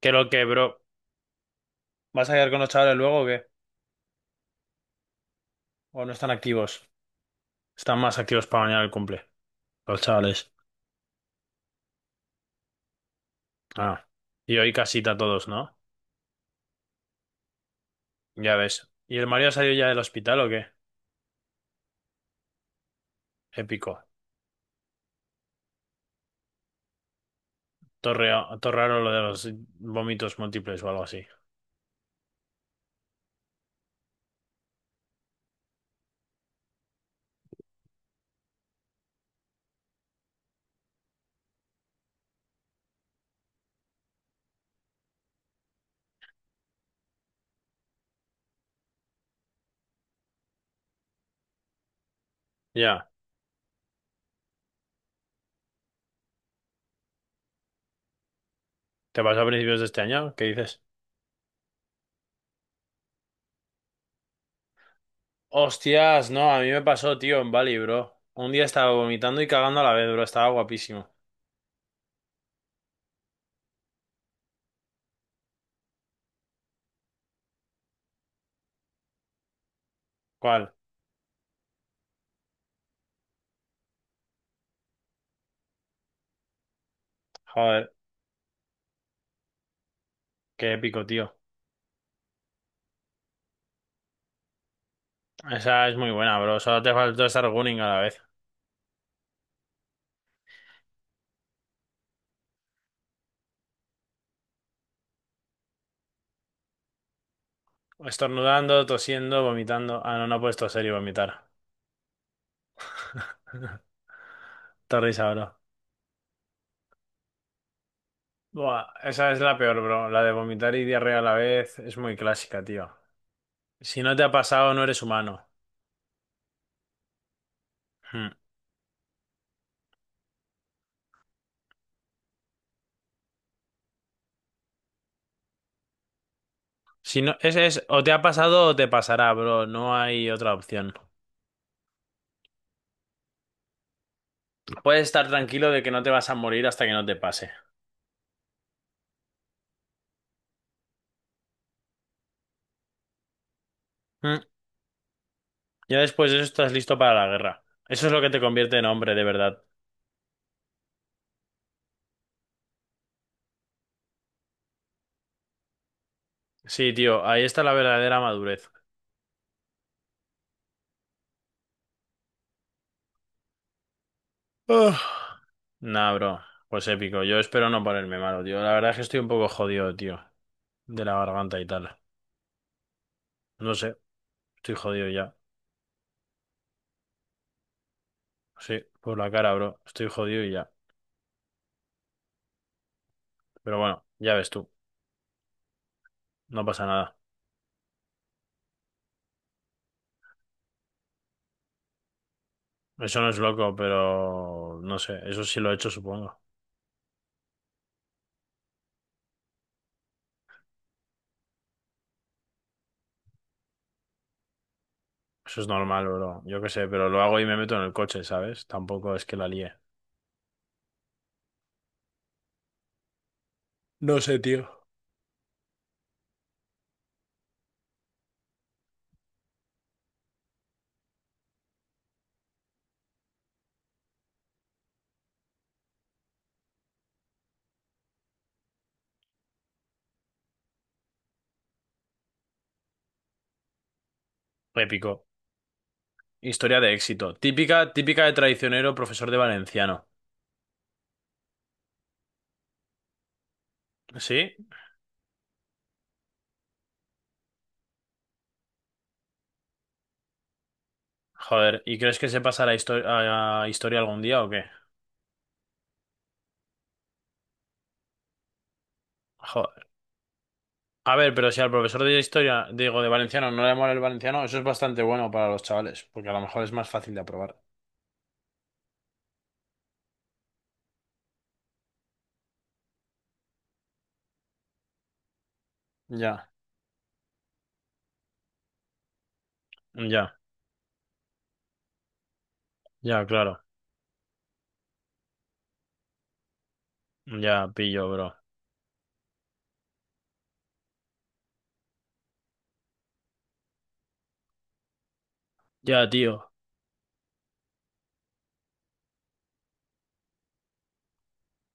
Que lo que, bro. ¿Vas a quedar con los chavales luego o qué? ¿O no están activos? Están más activos para mañana el cumple. Los chavales. Ah. Y hoy casita todos, ¿no? Ya ves. ¿Y el Mario salió ya del hospital o qué? Épico. Torraro lo de los vómitos múltiples o algo así. Ya. ¿Te pasó a principios de este año? ¿Qué dices? Hostias, no, a mí me pasó, tío, en Bali, bro. Un día estaba vomitando y cagando a la vez, bro. Estaba guapísimo. ¿Cuál? Joder, qué épico, tío. Esa es muy buena, bro. Solo te faltó estar gunning a la vez. Estornudando, tosiendo, vomitando. Ah, no, no puedes toser y vomitar. Te ríes ahora. Buah, esa es la peor, bro. La de vomitar y diarrea a la vez es muy clásica, tío. Si no te ha pasado, no eres humano. Hmm. Si no, es o te ha pasado o te pasará, bro. No hay otra opción. Puedes estar tranquilo de que no te vas a morir hasta que no te pase. Hmm. Ya después de eso estás listo para la guerra. Eso es lo que te convierte en hombre, de verdad. Sí, tío, ahí está la verdadera madurez. Uf. Nah, bro, pues épico. Yo espero no ponerme malo, tío. La verdad es que estoy un poco jodido, tío, de la garganta y tal. No sé, estoy jodido ya. Sí, por la cara, bro. Estoy jodido y ya. Pero bueno, ya ves tú, no pasa nada. Eso no es loco, pero no sé, eso sí lo he hecho, supongo. Eso es normal, bro. Yo qué sé, pero lo hago y me meto en el coche, ¿sabes? Tampoco es que la líe. No sé, tío. Épico. Historia de éxito. Típica, típica de traicionero, profesor de valenciano. ¿Sí? Joder, ¿y crees que se pasará a historia algún día o qué? Joder. A ver, pero si al profesor de historia, digo, de valenciano, no le mola el valenciano, eso es bastante bueno para los chavales, porque a lo mejor es más fácil de aprobar. Ya, ya, ya, claro. Ya, pillo, bro. Ya, tío.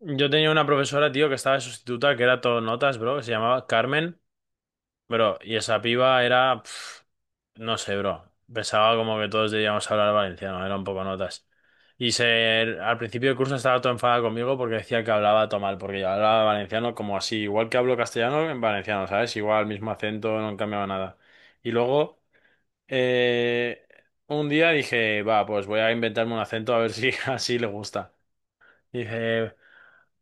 Yo tenía una profesora, tío, que estaba de sustituta, que era todo notas, bro, que se llamaba Carmen, bro, y esa piba era. No sé, bro. Pensaba como que todos debíamos hablar valenciano, era un poco notas. Y al principio del curso estaba todo enfadado conmigo porque decía que hablaba todo mal, porque yo hablaba valenciano como así, igual que hablo castellano en valenciano, ¿sabes? Igual, mismo acento, no cambiaba nada. Y luego, eh, un día dije, va, pues voy a inventarme un acento a ver si así le gusta. Y dije,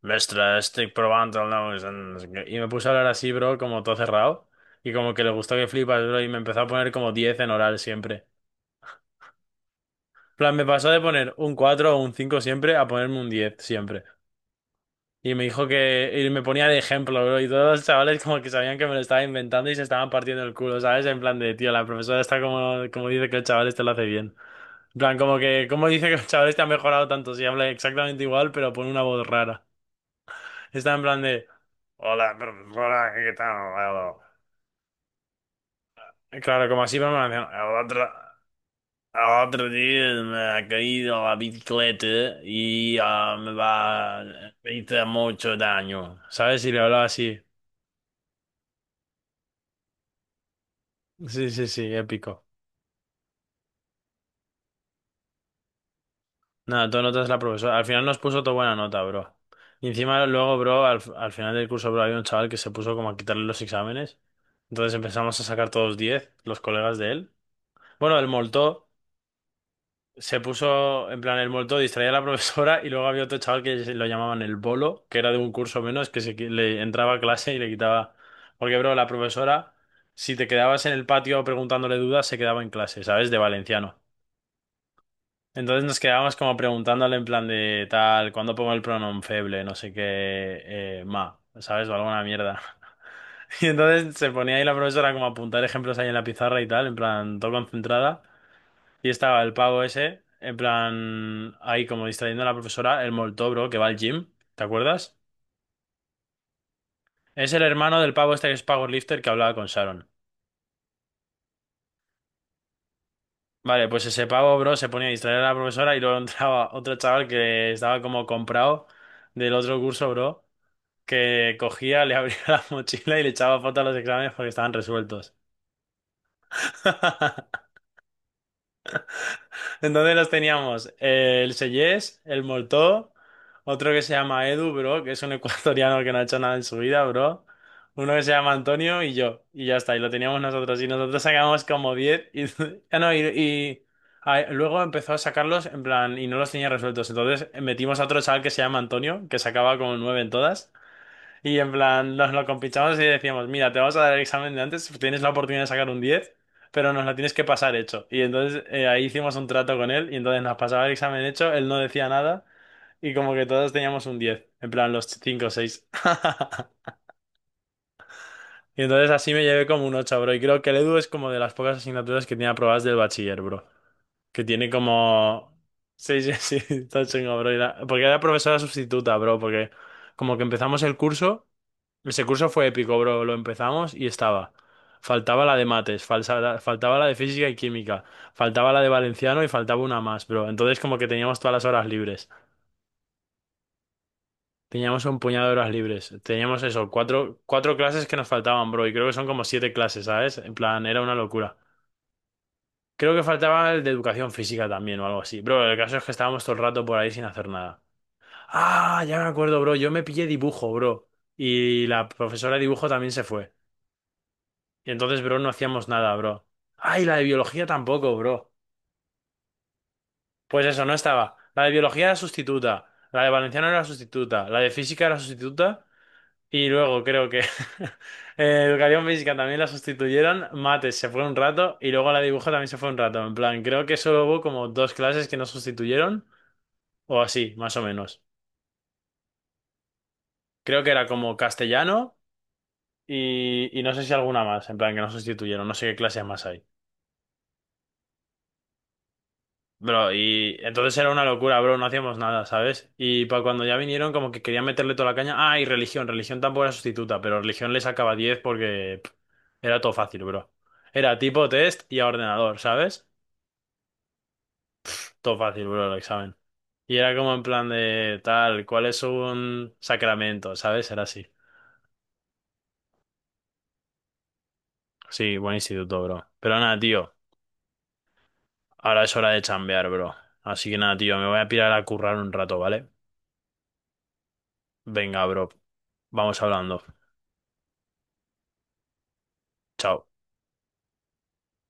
mestra, estoy probando el nuevo no sé qué. Y me puse a hablar así, bro, como todo cerrado. Y como que le gustó que flipas, bro, y me empezó a poner como 10 en oral siempre. Plan, me pasó de poner un 4 o un 5 siempre a ponerme un 10 siempre. Y me dijo que. Y me ponía de ejemplo, bro. Y todos los chavales como que sabían que me lo estaba inventando y se estaban partiendo el culo, ¿sabes? En plan de, tío, la profesora está como, como dice que el chaval este lo hace bien. En plan, como que. ¿Cómo dice que el chaval este ha mejorado tanto? Si habla exactamente igual, pero pone una voz rara. Está en plan de. Hola, profesora, ¿qué tal? Claro, como así, pero me lo hacían. Otro día me ha caído la bicicleta y ah, me va, me hizo mucho daño. ¿Sabes? Si le hablaba así. Sí, sí, sí, épico. Nada, tú notas la profesora. Al final nos puso toda buena nota, bro. Y encima luego, bro, al final del curso, bro, había un chaval que se puso como a quitarle los exámenes. Entonces empezamos a sacar todos 10 los colegas de él. Bueno, el moltó. Se puso en plan el muerto, distraía a la profesora y luego había otro chaval que lo llamaban el bolo, que era de un curso menos, que le entraba a clase y le quitaba. Porque, bro, la profesora, si te quedabas en el patio preguntándole dudas, se quedaba en clase, ¿sabes? De valenciano. Entonces nos quedábamos como preguntándole en plan de tal, ¿cuándo pongo el pronom feble? No sé qué, ¿sabes? O alguna mierda. Y entonces se ponía ahí la profesora como a apuntar ejemplos ahí en la pizarra y tal, en plan, todo concentrada. Y estaba el pavo ese, en plan, ahí como distrayendo a la profesora, el molto, bro, que va al gym, ¿te acuerdas? Es el hermano del pavo este que es powerlifter que hablaba con Sharon. Vale, pues ese pavo, bro, se ponía a distraer a la profesora y luego entraba otro chaval que estaba como comprado del otro curso, bro, que cogía, le abría la mochila y le echaba fotos a los exámenes porque estaban resueltos. Entonces los teníamos el Seyés, el Moltó, otro que se llama Edu, bro, que es un ecuatoriano que no ha hecho nada en su vida, bro. Uno que se llama Antonio y yo. Y ya está, y lo teníamos nosotros. Y nosotros sacamos como 10. Y ah, no, ah, luego empezó a sacarlos en plan, y no los tenía resueltos. Entonces metimos a otro chaval que se llama Antonio, que sacaba como 9 en todas. Y en plan, nos lo compinchamos y decíamos, mira, te vamos a dar el examen de antes, tienes la oportunidad de sacar un 10, pero nos la tienes que pasar hecho. Y entonces ahí hicimos un trato con él y entonces nos pasaba el examen hecho, él no decía nada y como que todos teníamos un 10 en plan los 5 o seis. Y entonces así me llevé como un ocho, bro. Y creo que el Edu es como de las pocas asignaturas que tiene aprobadas del bachiller, bro. Que tiene como. Sí, sí, sí, está chingo, bro. Porque era profesora sustituta, bro, porque como que empezamos el curso. Ese curso fue épico, bro. Lo empezamos y estaba. Faltaba la de mates, faltaba la de física y química, faltaba la de valenciano y faltaba una más, bro. Entonces como que teníamos todas las horas libres. Teníamos un puñado de horas libres. Teníamos eso, cuatro clases que nos faltaban, bro. Y creo que son como siete clases, ¿sabes? En plan, era una locura. Creo que faltaba el de educación física también o algo así. Bro, el caso es que estábamos todo el rato por ahí sin hacer nada. Ah, ya me acuerdo, bro. Yo me pillé dibujo, bro. Y la profesora de dibujo también se fue. Y entonces, bro, no hacíamos nada, bro. Ay, la de biología tampoco, bro. Pues eso, no estaba. La de biología era sustituta. La de valenciano era sustituta. La de física era sustituta. Y luego creo que educación física también la sustituyeron. Mates se fue un rato. Y luego la de dibujo también se fue un rato. En plan, creo que solo hubo como dos clases que no sustituyeron. O así, más o menos. Creo que era como castellano y no sé si alguna más. En plan, que no sustituyeron. No sé qué clases más hay. Bro, y entonces era una locura, bro, no hacíamos nada, ¿sabes? Y para cuando ya vinieron, como que querían meterle toda la caña. Ah, y religión, religión tampoco era sustituta, pero religión le sacaba 10 porque era todo fácil, bro. Era tipo test y a ordenador, ¿sabes? Todo fácil, bro, el examen. Y era como en plan de tal, ¿cuál es un sacramento? ¿Sabes? Era así. Sí, buen instituto, bro. Pero nada, tío, ahora es hora de chambear, bro. Así que nada, tío, me voy a pirar a currar un rato, ¿vale? Venga, bro, vamos hablando. Chao.